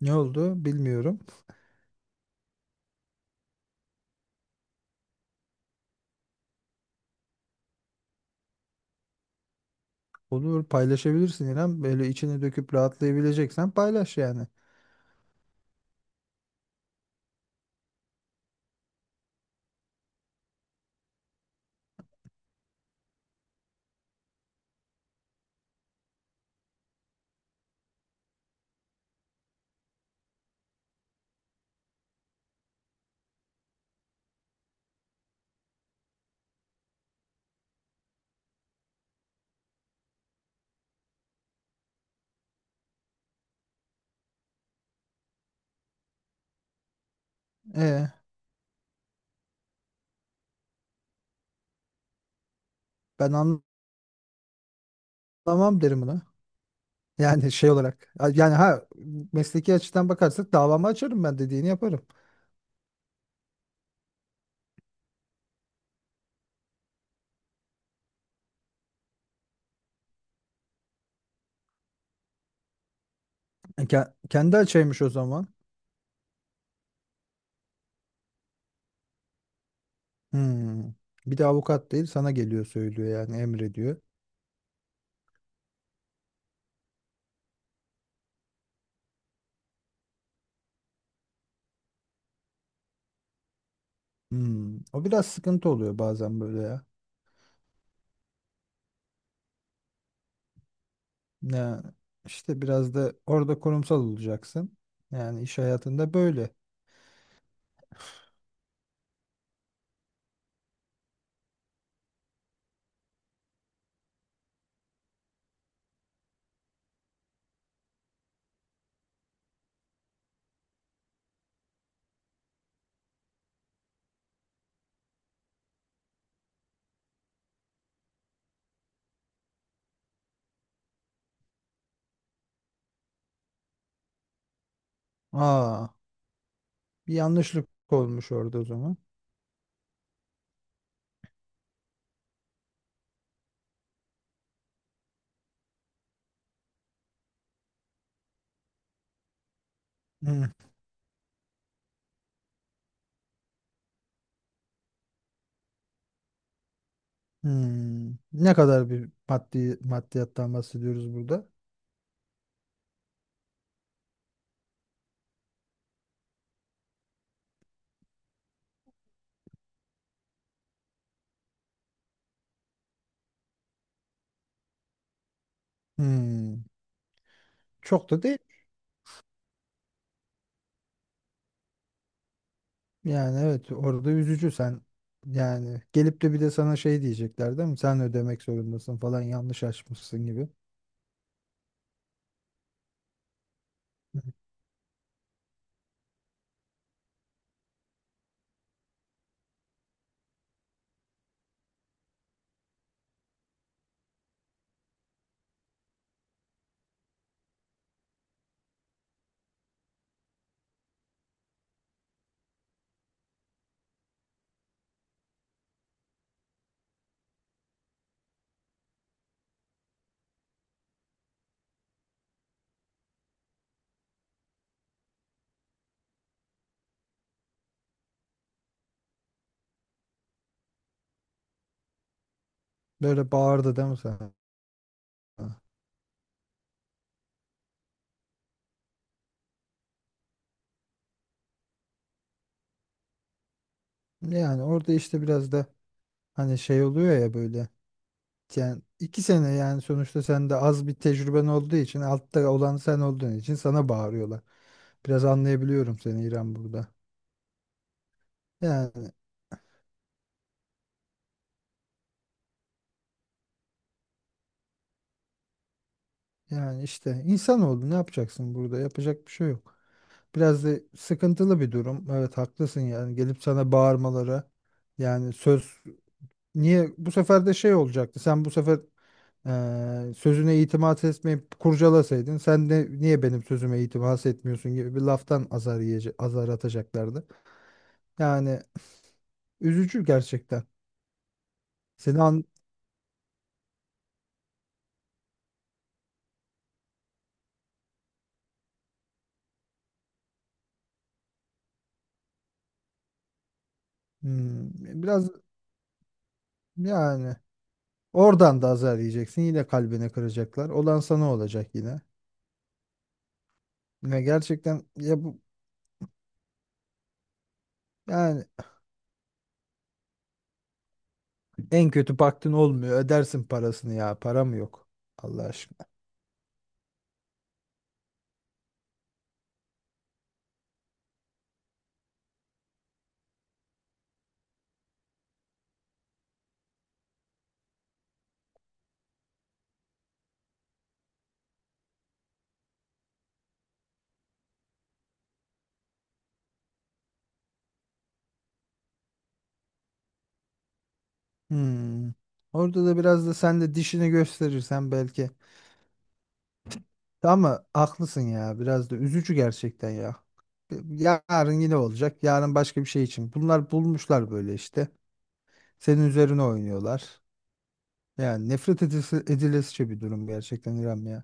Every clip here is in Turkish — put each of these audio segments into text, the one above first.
Ne oldu bilmiyorum. Olur paylaşabilirsin İrem. Böyle içine döküp rahatlayabileceksen paylaş yani. E Ben anlamam derim buna. Yani şey olarak. Yani ha mesleki açıdan bakarsak davamı açarım ben dediğini yaparım. Kendi açaymış o zaman. Hmm. Bir de avukat değil sana geliyor söylüyor yani emrediyor. Hmm. O biraz sıkıntı oluyor bazen böyle ya. Ya işte biraz da orada kurumsal olacaksın. Yani iş hayatında böyle. Aa. Bir yanlışlık olmuş orada o zaman. Hı, hmm. Ne kadar bir maddiyattan bahsediyoruz burada? Hmm. Çok da değil. Yani evet orada üzücü sen yani gelip de bir de sana şey diyecekler değil mi? Sen ödemek zorundasın falan yanlış açmışsın gibi. Hı. Böyle bağırdı değil mi sana? Yani orada işte biraz da hani şey oluyor ya böyle. Yani 2 sene yani sonuçta sen de az bir tecrüben olduğu için altta olan sen olduğun için sana bağırıyorlar. Biraz anlayabiliyorum seni İrem burada. Yani yani işte insan oldu ne yapacaksın burada? Yapacak bir şey yok. Biraz da sıkıntılı bir durum. Evet haklısın yani gelip sana bağırmaları yani söz niye bu sefer de şey olacaktı. Sen bu sefer sözüne itimat etmeyip kurcalasaydın sen de niye benim sözüme itimat etmiyorsun gibi bir laftan azar atacaklardı. Yani üzücü gerçekten. Seni an Hmm, biraz yani oradan da azar yiyeceksin. Yine kalbini kıracaklar. Olan sana olacak yine. Ya gerçekten ya bu yani en kötü baktın olmuyor. Ödersin parasını ya. Para mı yok. Allah aşkına. Hmm. Orada da biraz da sen de dişini gösterirsen belki. Ama haklısın ya. Biraz da üzücü gerçekten ya. Yarın yine olacak. Yarın başka bir şey için. Bunlar bulmuşlar böyle işte. Senin üzerine oynuyorlar. Yani nefret edilesice bir durum gerçekten İrem ya.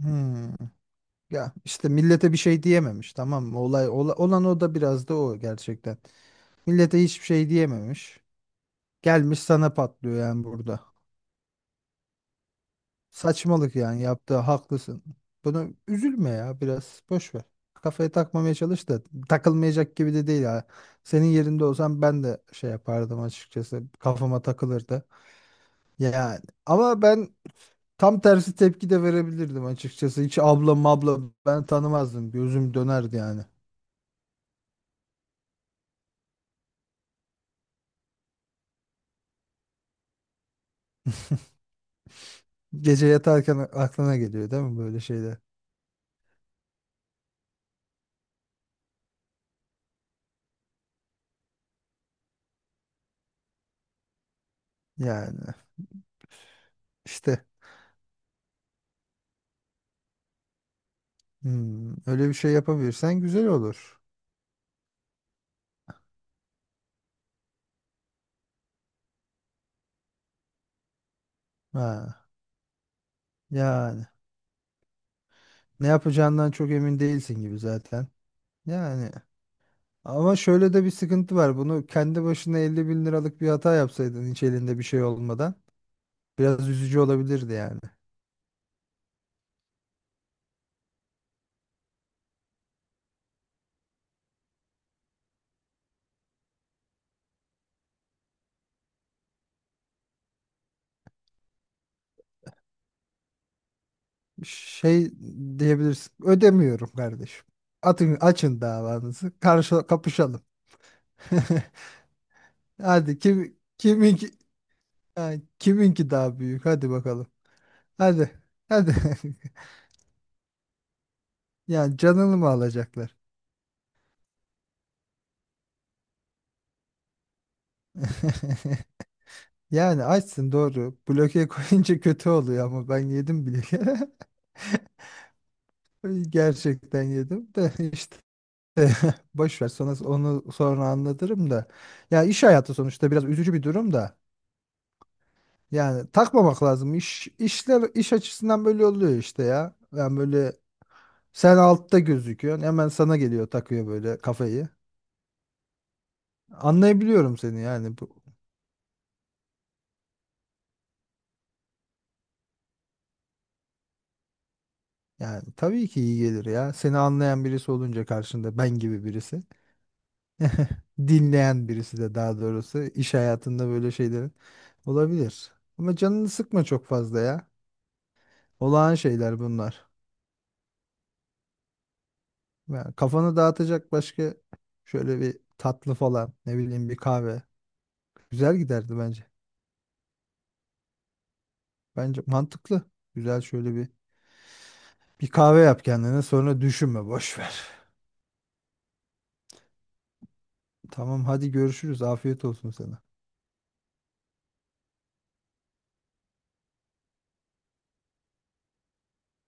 Hmm. Ya işte millete bir şey diyememiş tamam mı? Olan o da biraz da o gerçekten. Millete hiçbir şey diyememiş. Gelmiş sana patlıyor yani burada. Saçmalık yani yaptığı haklısın. Bunu üzülme ya biraz boş ver. Kafaya takmamaya çalış da takılmayacak gibi de değil ha. Senin yerinde olsam ben de şey yapardım açıkçası. Kafama takılırdı. Yani ama ben tam tersi tepki de verebilirdim açıkçası. Hiç abla mabla ben tanımazdım. Gözüm dönerdi yani. Gece yatarken aklına geliyor değil mi böyle şeyler? Yani işte hmm, öyle bir şey yapabilirsen güzel olur. Ha, yani ne yapacağından çok emin değilsin gibi zaten. Yani ama şöyle de bir sıkıntı var. Bunu kendi başına 50 bin liralık bir hata yapsaydın hiç elinde bir şey olmadan biraz üzücü olabilirdi yani. Şey diyebilirsin. Ödemiyorum kardeşim. Atın, açın davanızı. Karşı kapışalım. Hadi kim kimin, ha, kiminki daha büyük? Hadi bakalım. Hadi. Hadi. Yani canını mı alacaklar? Yani açsın doğru. Bloke koyunca kötü oluyor ama ben yedim bile. Gerçekten yedim de işte. Boş ver sonra onu, sonra anlatırım da. Ya iş hayatı sonuçta biraz üzücü bir durum da. Yani takmamak lazım. İşler iş açısından böyle oluyor işte ya. Yani böyle sen altta gözüküyorsun hemen sana geliyor takıyor böyle kafayı. Anlayabiliyorum seni yani bu. Yani tabii ki iyi gelir ya. Seni anlayan birisi olunca karşında ben gibi birisi. Dinleyen birisi de daha doğrusu iş hayatında böyle şeylerin olabilir. Ama canını sıkma çok fazla ya. Olağan şeyler bunlar. Yani kafanı dağıtacak başka şöyle bir tatlı falan ne bileyim bir kahve. Güzel giderdi bence. Bence mantıklı. Güzel şöyle bir kahve yap kendine sonra düşünme boş ver. Tamam hadi görüşürüz. Afiyet olsun sana.